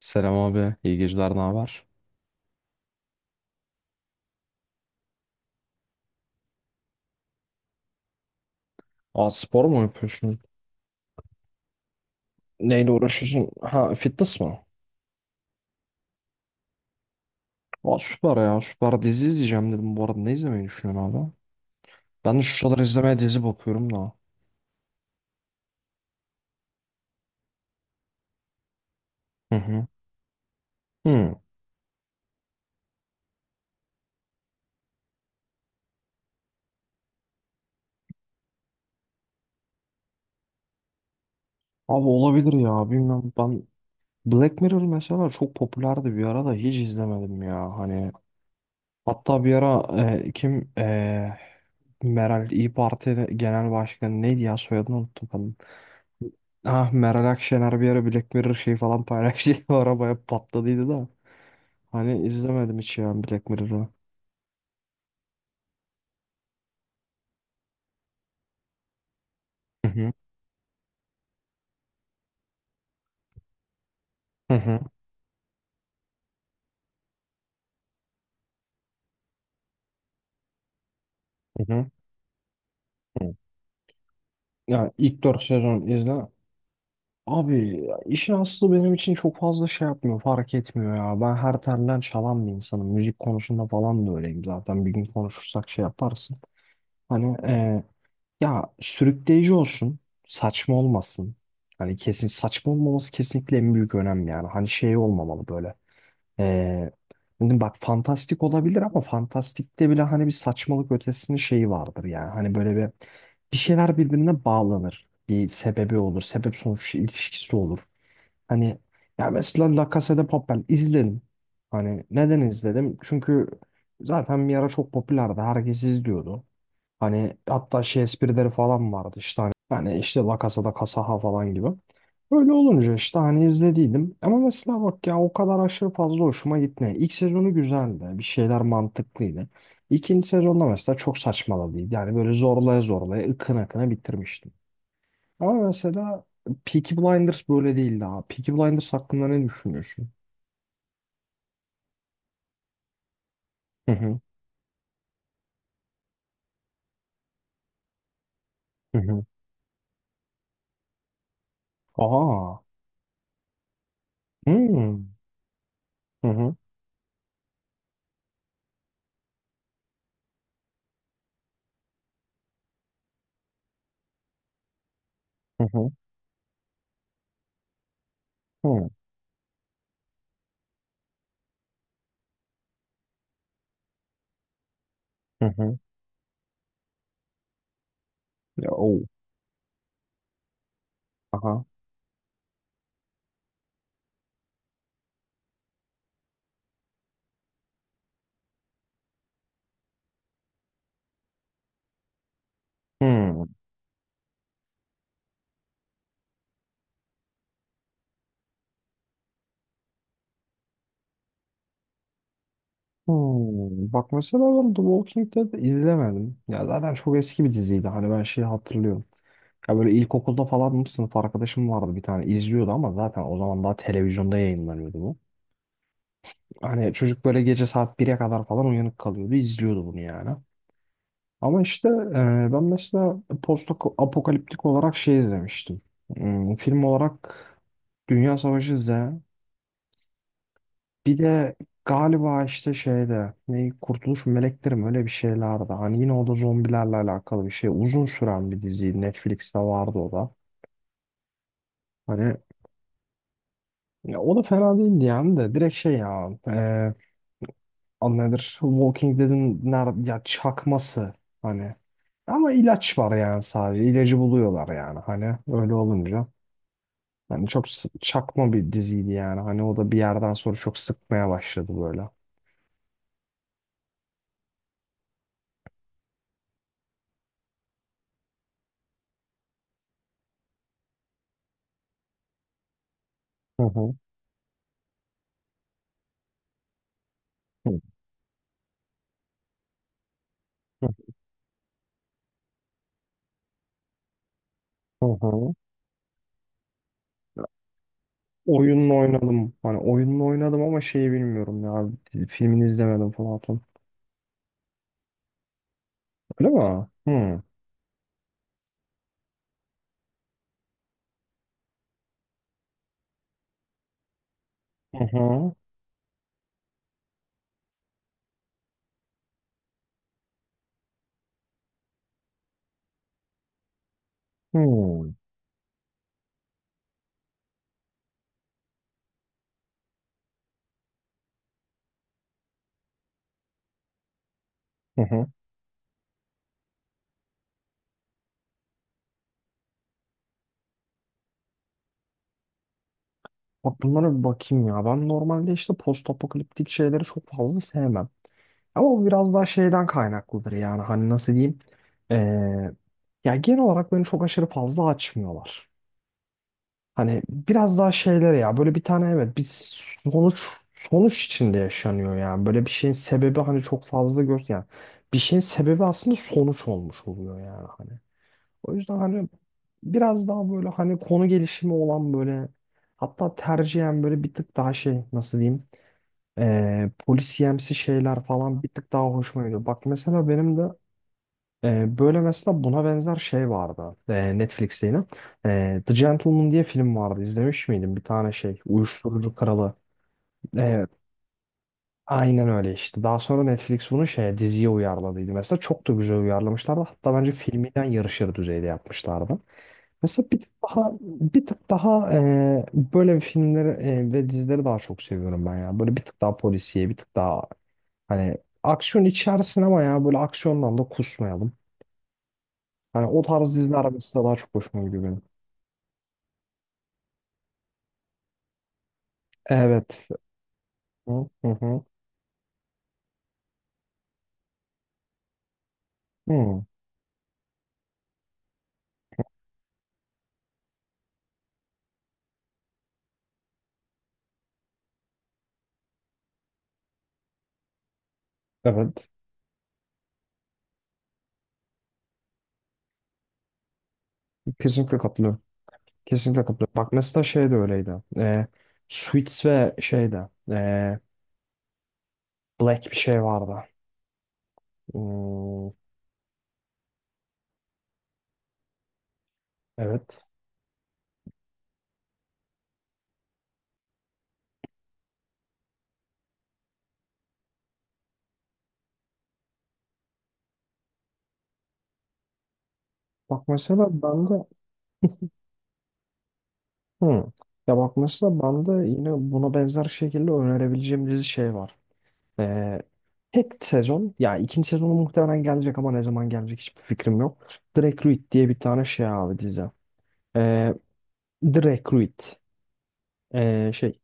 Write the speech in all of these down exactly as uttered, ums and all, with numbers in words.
Selam abi. İyi geceler. Ne haber? Aa spor mu yapıyorsun? Neyle uğraşıyorsun? Ha fitness mı? Aa süper ya. Süper dizi izleyeceğim dedim. Bu arada ne izlemeyi düşünüyorsun abi? Ben de şu sıralar izlemeye dizi bakıyorum da. Hı hı. Hı. Abi olabilir ya. Bilmem ben Black Mirror mesela çok popülerdi bir ara da hiç izlemedim ya. Hani hatta bir ara e, kim e, Meral İYİ Parti Genel Başkanı neydi ya soyadını unuttum. Ah Meral Akşener bir ara Black Mirror şey falan paylaştıydı. O arabaya patladıydı da. Hani izlemedim hiç ya Black Mirror'ı. Hı hı. Hı hı. Hı hı. Hı. Ya ilk dört sezon izle. Abi ya işin aslı benim için çok fazla şey yapmıyor, fark etmiyor ya. Ben her telden çalan bir insanım. Müzik konusunda falan da öyleyim zaten. Bir gün konuşursak şey yaparsın. Hani e, ya sürükleyici olsun, saçma olmasın. Hani kesin saçma olmaması kesinlikle en büyük önem yani. Hani şey olmamalı böyle. Ee, Dedim bak fantastik olabilir ama fantastikte bile hani bir saçmalık ötesinin şeyi vardır yani. Hani böyle bir bir şeyler birbirine bağlanır. Bir sebebi olur. Sebep sonuç ilişkisi olur. Hani ya mesela La Casa de Papel izledim. Hani neden izledim? Çünkü zaten bir ara çok popülerdi. Herkes izliyordu. Hani hatta şey esprileri falan vardı işte hani, hani işte La Casa de Casaha falan gibi. Öyle olunca işte hani izlediydim. Ama mesela bak ya o kadar aşırı fazla hoşuma gitmiyor. İlk sezonu güzeldi. Bir şeyler mantıklıydı. İkinci sezonda mesela çok saçmaladıydı. Yani böyle zorlaya zorlaya ıkına ıkına bitirmiştim. Ama mesela Peaky Blinders böyle değildi abi. Peaky Blinders hakkında ne düşünüyorsun? Hı hı. Hı hı. Aa. Hmm. Hı hı. Hı hı. Hı hı. Hı hı. Ya, o. Aha. Hı. Hmm, Bak mesela ben The Walking Dead'i izlemedim. Ya zaten çok eski bir diziydi. Hani ben şeyi hatırlıyorum. Ya böyle ilkokulda falan mı sınıf arkadaşım vardı bir tane izliyordu ama zaten o zaman daha televizyonda yayınlanıyordu bu. Hani çocuk böyle gece saat bire kadar falan uyanık kalıyordu izliyordu bunu yani. Ama işte e, ben mesela post apokaliptik olarak şey izlemiştim. Hmm, film olarak Dünya Savaşı Z. Bir de galiba işte şeyde ne Kurtuluş Melekleri mi öyle bir şeylerdi. Hani yine o da zombilerle alakalı bir şey. Uzun süren bir diziydi, Netflix'te vardı o da. Hani ya o da fena değildi yani de direkt şey ya e, adı nedir? Walking Dead'in nerede ya çakması hani. Ama ilaç var yani sadece. İlacı buluyorlar yani hani öyle olunca. Yani çok s- çakma bir diziydi yani. Hani o da bir yerden sonra çok sıkmaya başladı böyle. Hı hı. Hı hı. Hı. Hı. Oyununu oynadım. Hani oyununu oynadım ama şeyi bilmiyorum ya. Filmini izlemedim Platon. Öyle mi? Hı. Hı hı. Hı. Hı hı. Bak bunlara bir bakayım ya. Ben normalde işte post apokaliptik şeyleri çok fazla sevmem. Ama bu biraz daha şeyden kaynaklıdır yani. Hani nasıl diyeyim? Ee, ya genel olarak beni çok aşırı fazla açmıyorlar. Hani biraz daha şeyler ya böyle bir tane evet bir sonuç sonuç içinde yaşanıyor yani. Böyle bir şeyin sebebi hani çok fazla gör yani. Bir şeyin sebebi aslında sonuç olmuş oluyor yani hani. O yüzden hani biraz daha böyle hani konu gelişimi olan böyle hatta tercihen böyle bir tık daha şey nasıl diyeyim eee polisiyemsi şeyler falan bir tık daha hoşuma gidiyor. Bak mesela benim de ee, böyle mesela buna benzer şey vardı. Ee, Netflix'te yine. Ee, The Gentleman diye film vardı. İzlemiş miydin? Bir tane şey. Uyuşturucu kralı. Evet. Aynen öyle işte. Daha sonra Netflix bunu şeye diziye uyarladıydı. Mesela çok da güzel uyarlamışlardı. Hatta bence filminden yarışır düzeyde yapmışlardı. Mesela bir tık daha bir tık daha e, böyle bir filmleri e, ve dizileri daha çok seviyorum ben ya. Böyle bir tık daha polisiye, bir tık daha hani aksiyon içersin ama ya böyle aksiyondan da kusmayalım. Hani o tarz diziler mesela daha çok hoşuma gidiyor benim. Evet. Hı hı. Hı. Hı. Evet. Kesinlikle katılıyorum. Kesinlikle katılıyorum. Bak mesela şey de öyleydi. Ee, Suits ve şey de ee, Black bir şey vardı. Hmm, evet. Bak mesela ben de hı. Ya bak mesela ben de yine buna benzer şekilde önerebileceğim dizi şey var. Ee, tek sezon ya ikinci sezonu muhtemelen gelecek ama ne zaman gelecek hiçbir fikrim yok. Drake Reed diye bir tane şey abi dizi. Ee, The Recruit. Ee, şey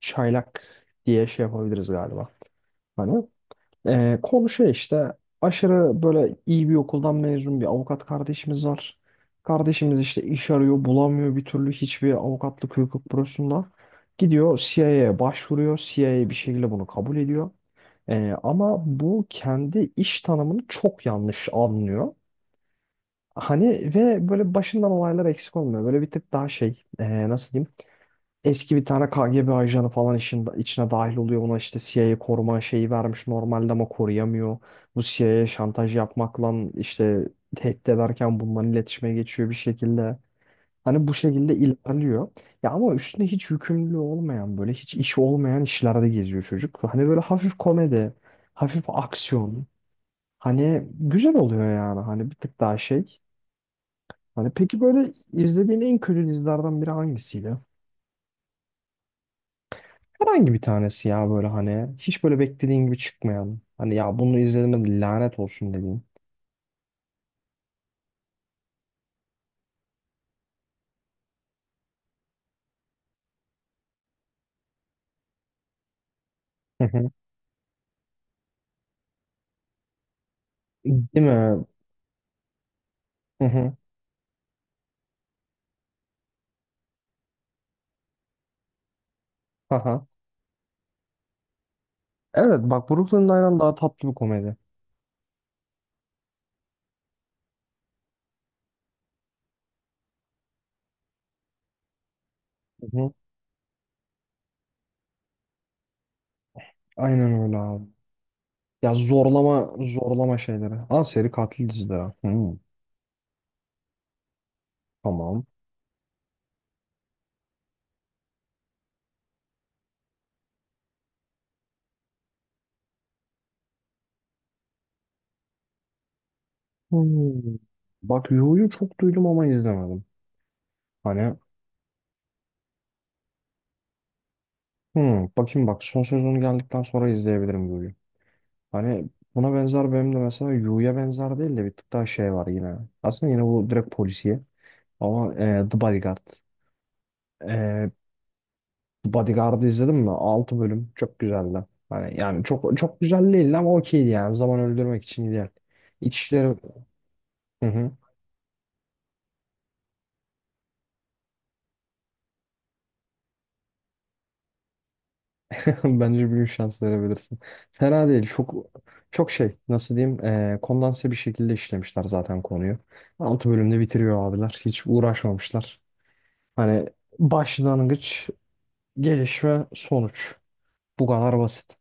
çaylak diye şey yapabiliriz galiba. Hani e, konu şey işte aşırı böyle iyi bir okuldan mezun bir avukat kardeşimiz var. Kardeşimiz işte iş arıyor bulamıyor bir türlü hiçbir avukatlık hukuk bürosunda. Gidiyor C I A'ya başvuruyor. C I A bir şekilde bunu kabul ediyor. E, ama bu kendi iş tanımını çok yanlış anlıyor. Hani ve böyle başından olaylar eksik olmuyor. Böyle bir tık daha şey e, nasıl diyeyim? Eski bir tane K G B ajanı falan işin, içine dahil oluyor. Ona işte C I A koruma şeyi vermiş normalde ama koruyamıyor. Bu C I A'ya şantaj yapmakla işte tehdit ederken bunların iletişime geçiyor bir şekilde. Hani bu şekilde ilerliyor. Ya ama üstüne hiç yükümlülüğü olmayan böyle hiç işi olmayan işlerde geziyor çocuk. Hani böyle hafif komedi, hafif aksiyon. Hani güzel oluyor yani hani bir tık daha şey. Hani peki böyle izlediğin en kötü dizilerden biri hangisiydi? Herhangi bir tanesi ya böyle hani hiç böyle beklediğin gibi çıkmayan. Hani ya bunu izledim de lanet olsun dediğin. Hı hı. Değil mi? Hı hı. Haha. Evet bak Brooklyn Nine-Nine daha tatlı bir komedi. Hı hı. Aynen öyle abi. Ya zorlama zorlama şeyleri. Aa seri katil dizileri. Hı, tamam. Hı. Bak Yu'yu çok duydum ama izlemedim. Hani hı, bakayım bak son sezonu geldikten sonra izleyebilirim Yu'yu. Hani buna benzer benim de mesela Yu'ya benzer değil de bir tık daha şey var yine. Aslında yine bu direkt polisiye ama e, The Bodyguard. E, The Bodyguard'ı izledin mi? Altı bölüm çok güzeldi. Hani yani çok çok güzel değildi ama okeydi yani. Zaman öldürmek için ideal. İçişleri. Hı hı. Bence bir gün şans verebilirsin. Fena değil. Çok çok şey nasıl diyeyim e, kondanse bir şekilde işlemişler zaten konuyu. Altı bölümde bitiriyor abiler. Hiç uğraşmamışlar. Hani başlangıç, gelişme, sonuç. Bu kadar basit.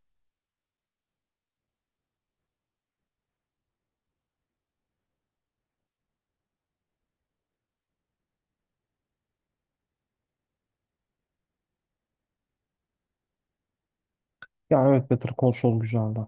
Ya evet Better Call Saul güzeldi.